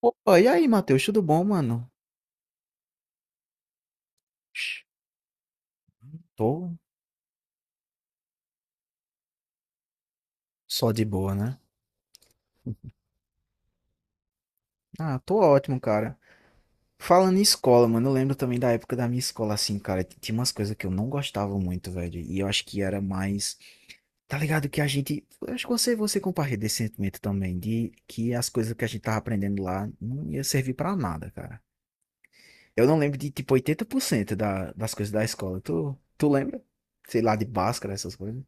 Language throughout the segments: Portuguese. Opa, e aí, Matheus, tudo bom, mano? Tô só de boa, né? Ah, tô ótimo, cara. Falando em escola, mano, eu lembro também da época da minha escola, assim, cara, tinha umas coisas que eu não gostava muito, velho, e eu acho que era mais, tá ligado, que a gente, eu acho que você, compartilha esse sentimento também, de que as coisas que a gente tava aprendendo lá não ia servir pra nada, cara. Eu não lembro de, tipo, 80% da, das coisas da escola, tu lembra? Sei lá, de Bhaskara, essas coisas.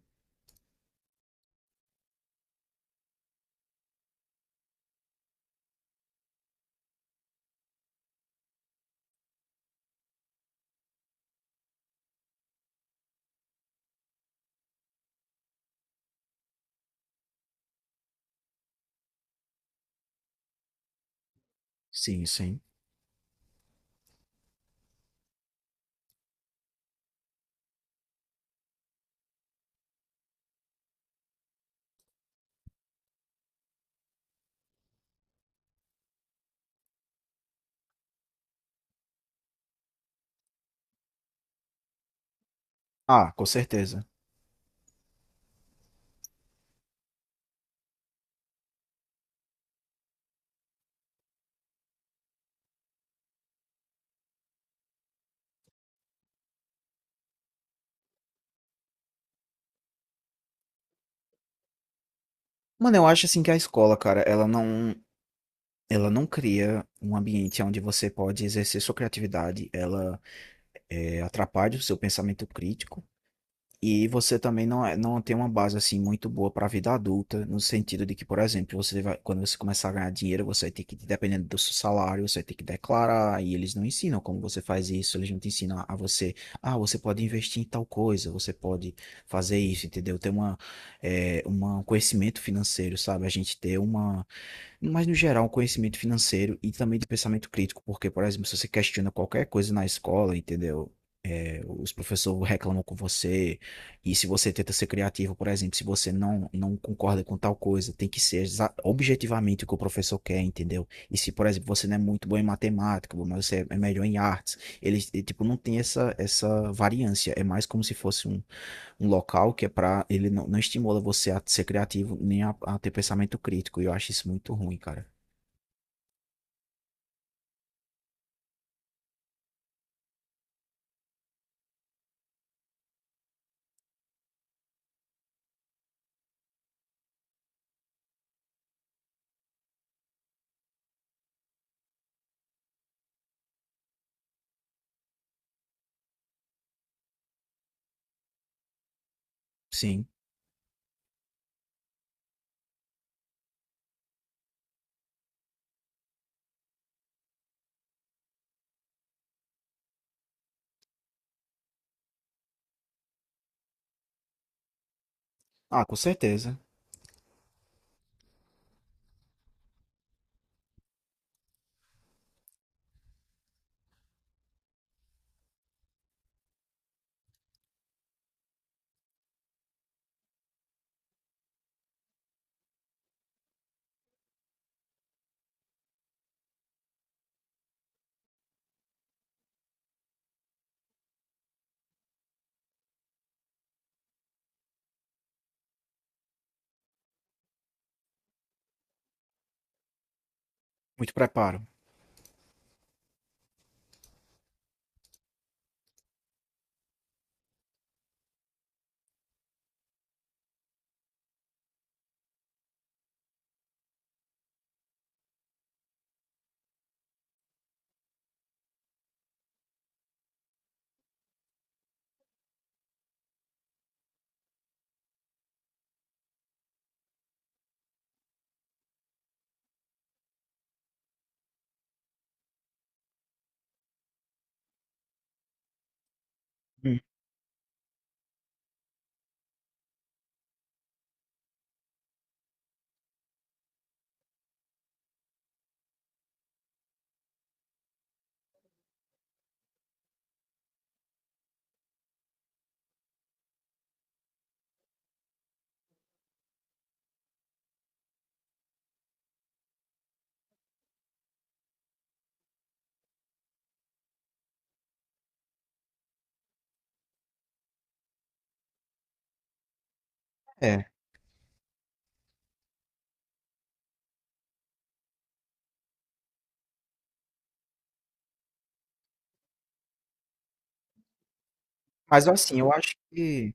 Sim, sim. Ah, com certeza. Mano, eu acho assim que a escola, cara, ela não cria um ambiente onde você pode exercer sua criatividade, ela atrapalha o seu pensamento crítico. E você também não, é, não tem uma base assim muito boa para a vida adulta, no sentido de que, por exemplo, você vai, quando você começar a ganhar dinheiro, você vai ter que, dependendo do seu salário, você vai ter que declarar, e eles não ensinam como você faz isso, eles não te ensinam a você, ah, você pode investir em tal coisa, você pode fazer isso, entendeu? Ter uma, é, um conhecimento financeiro, sabe? A gente ter uma, mas no geral, um conhecimento financeiro e também de pensamento crítico, porque, por exemplo, se você questiona qualquer coisa na escola, entendeu? Os professores reclamam com você. E se você tenta ser criativo, por exemplo, se você não, não concorda com tal coisa, tem que ser objetivamente o que o professor quer, entendeu? E se, por exemplo, você não é muito bom em matemática, mas você é melhor em artes, ele, tipo, não tem essa, essa variância. É mais como se fosse um, um local que é para ele não estimula você a ser criativo nem a, a ter pensamento crítico. E eu acho isso muito ruim, cara. Sim. Ah, com certeza. Muito preparo. Hum. É. Mas assim,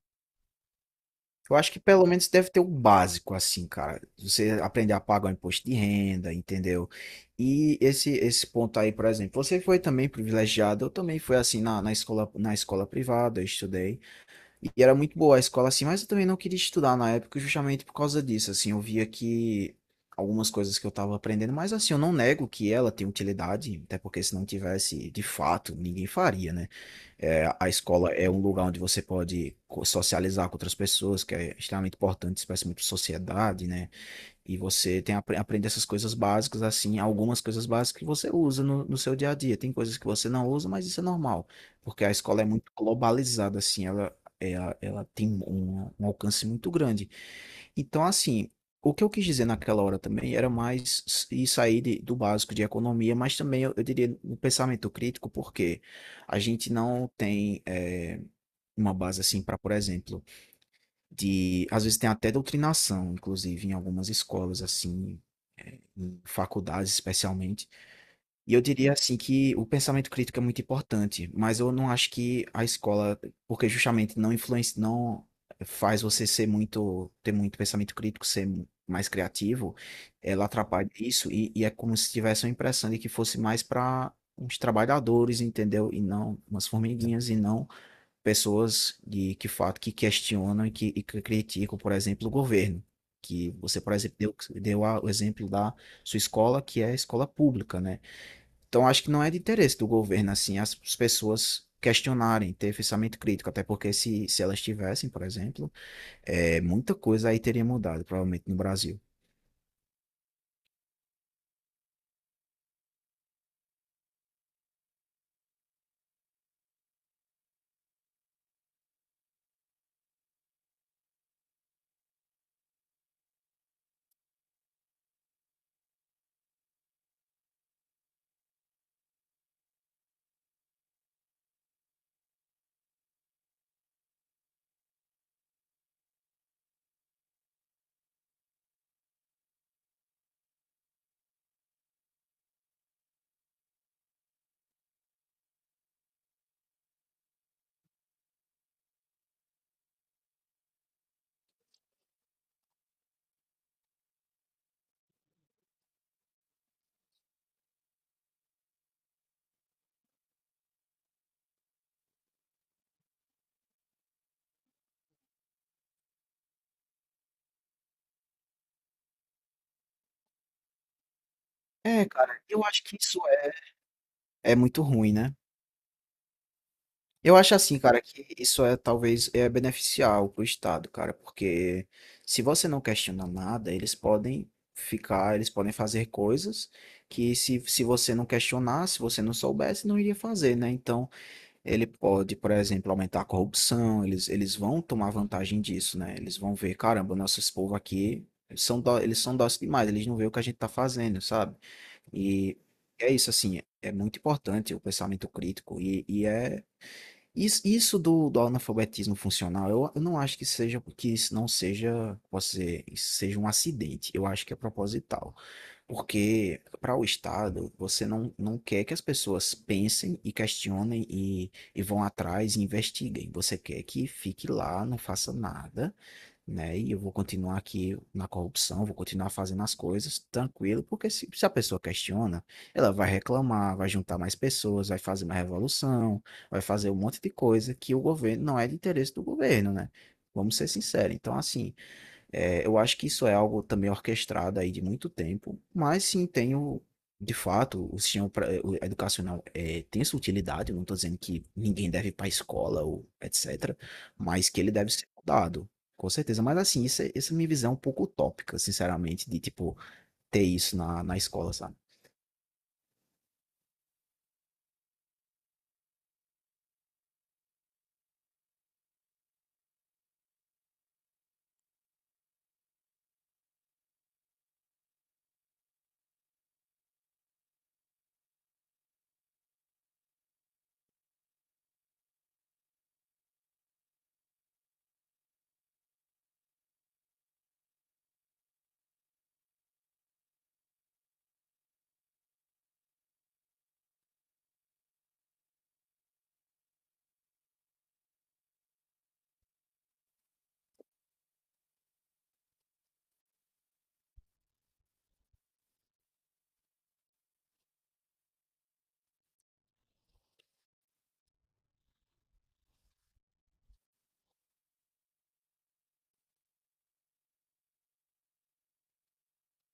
eu acho que pelo menos deve ter o básico, assim, cara. Você aprender a pagar o imposto de renda, entendeu? E esse ponto aí, por exemplo, você foi também privilegiado, eu também fui assim na, na escola privada, eu estudei. E era muito boa a escola assim, mas eu também não queria estudar na época justamente por causa disso, assim, eu via que algumas coisas que eu estava aprendendo, mas assim, eu não nego que ela tem utilidade, até porque se não tivesse, de fato, ninguém faria, né? É, a escola é um lugar onde você pode socializar com outras pessoas, que é extremamente importante, isso faz muito sociedade, né? E você tem aprende essas coisas básicas, assim, algumas coisas básicas que você usa no, no seu dia a dia. Tem coisas que você não usa, mas isso é normal, porque a escola é muito globalizada, assim, ela tem um, um alcance muito grande. Então, assim, o que eu quis dizer naquela hora também era mais s- ir sair do básico de economia, mas também eu diria no pensamento crítico, porque a gente não tem uma base assim para, por exemplo, de às vezes tem até doutrinação, inclusive em algumas escolas assim, eh, em faculdades especialmente. E eu diria assim que o pensamento crítico é muito importante, mas eu não acho que a escola, porque justamente não influencia, não faz você ser muito, ter muito pensamento crítico, ser mais criativo, ela atrapalha isso e é como se tivesse uma impressão de que fosse mais para uns trabalhadores, entendeu? E não umas formiguinhas e não pessoas de que fato que questionam e e que criticam, por exemplo, o governo. Que você, por exemplo, deu o exemplo da sua escola, que é a escola pública, né? Então, acho que não é de interesse do governo, assim, as pessoas questionarem, ter pensamento crítico, até porque se elas tivessem, por exemplo, é, muita coisa aí teria mudado, provavelmente, no Brasil. É, cara, eu acho que isso é, é muito ruim, né? Eu acho assim, cara, que isso talvez é beneficial pro Estado, cara, porque se você não questiona nada, eles podem ficar, eles podem fazer coisas que se você não questionar, se você não soubesse, não iria fazer, né? Então, ele pode, por exemplo, aumentar a corrupção, eles vão tomar vantagem disso, né? Eles vão ver, caramba, nossos povo aqui eles são dóceis demais, eles não veem o que a gente tá fazendo, sabe? E é isso, assim, é muito importante o pensamento crítico e isso, do analfabetismo funcional, eu não acho que seja, que isso não seja, posso dizer, isso seja um acidente. Eu acho que é proposital. Porque para o Estado, você não, não quer que as pessoas pensem e questionem e vão atrás e investiguem. Você quer que fique lá, não faça nada, né? E eu vou continuar aqui na corrupção, vou continuar fazendo as coisas tranquilo, porque se a pessoa questiona, ela vai reclamar, vai juntar mais pessoas, vai fazer uma revolução, vai fazer um monte de coisa que o governo não é de interesse do governo, né? Vamos ser sinceros. Então, assim. É, eu acho que isso é algo também orquestrado aí de muito tempo, mas sim tem o, de fato, o sistema eh, o educacional é, tem sua utilidade, eu não estou dizendo que ninguém deve ir para a escola ou etc, mas que ele deve ser mudado, com certeza. Mas assim, essa é a minha visão um pouco utópica, sinceramente, de tipo, ter isso na, na escola, sabe?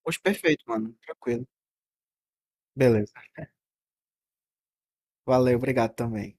Pois perfeito, mano, tranquilo. Beleza. Valeu, obrigado também.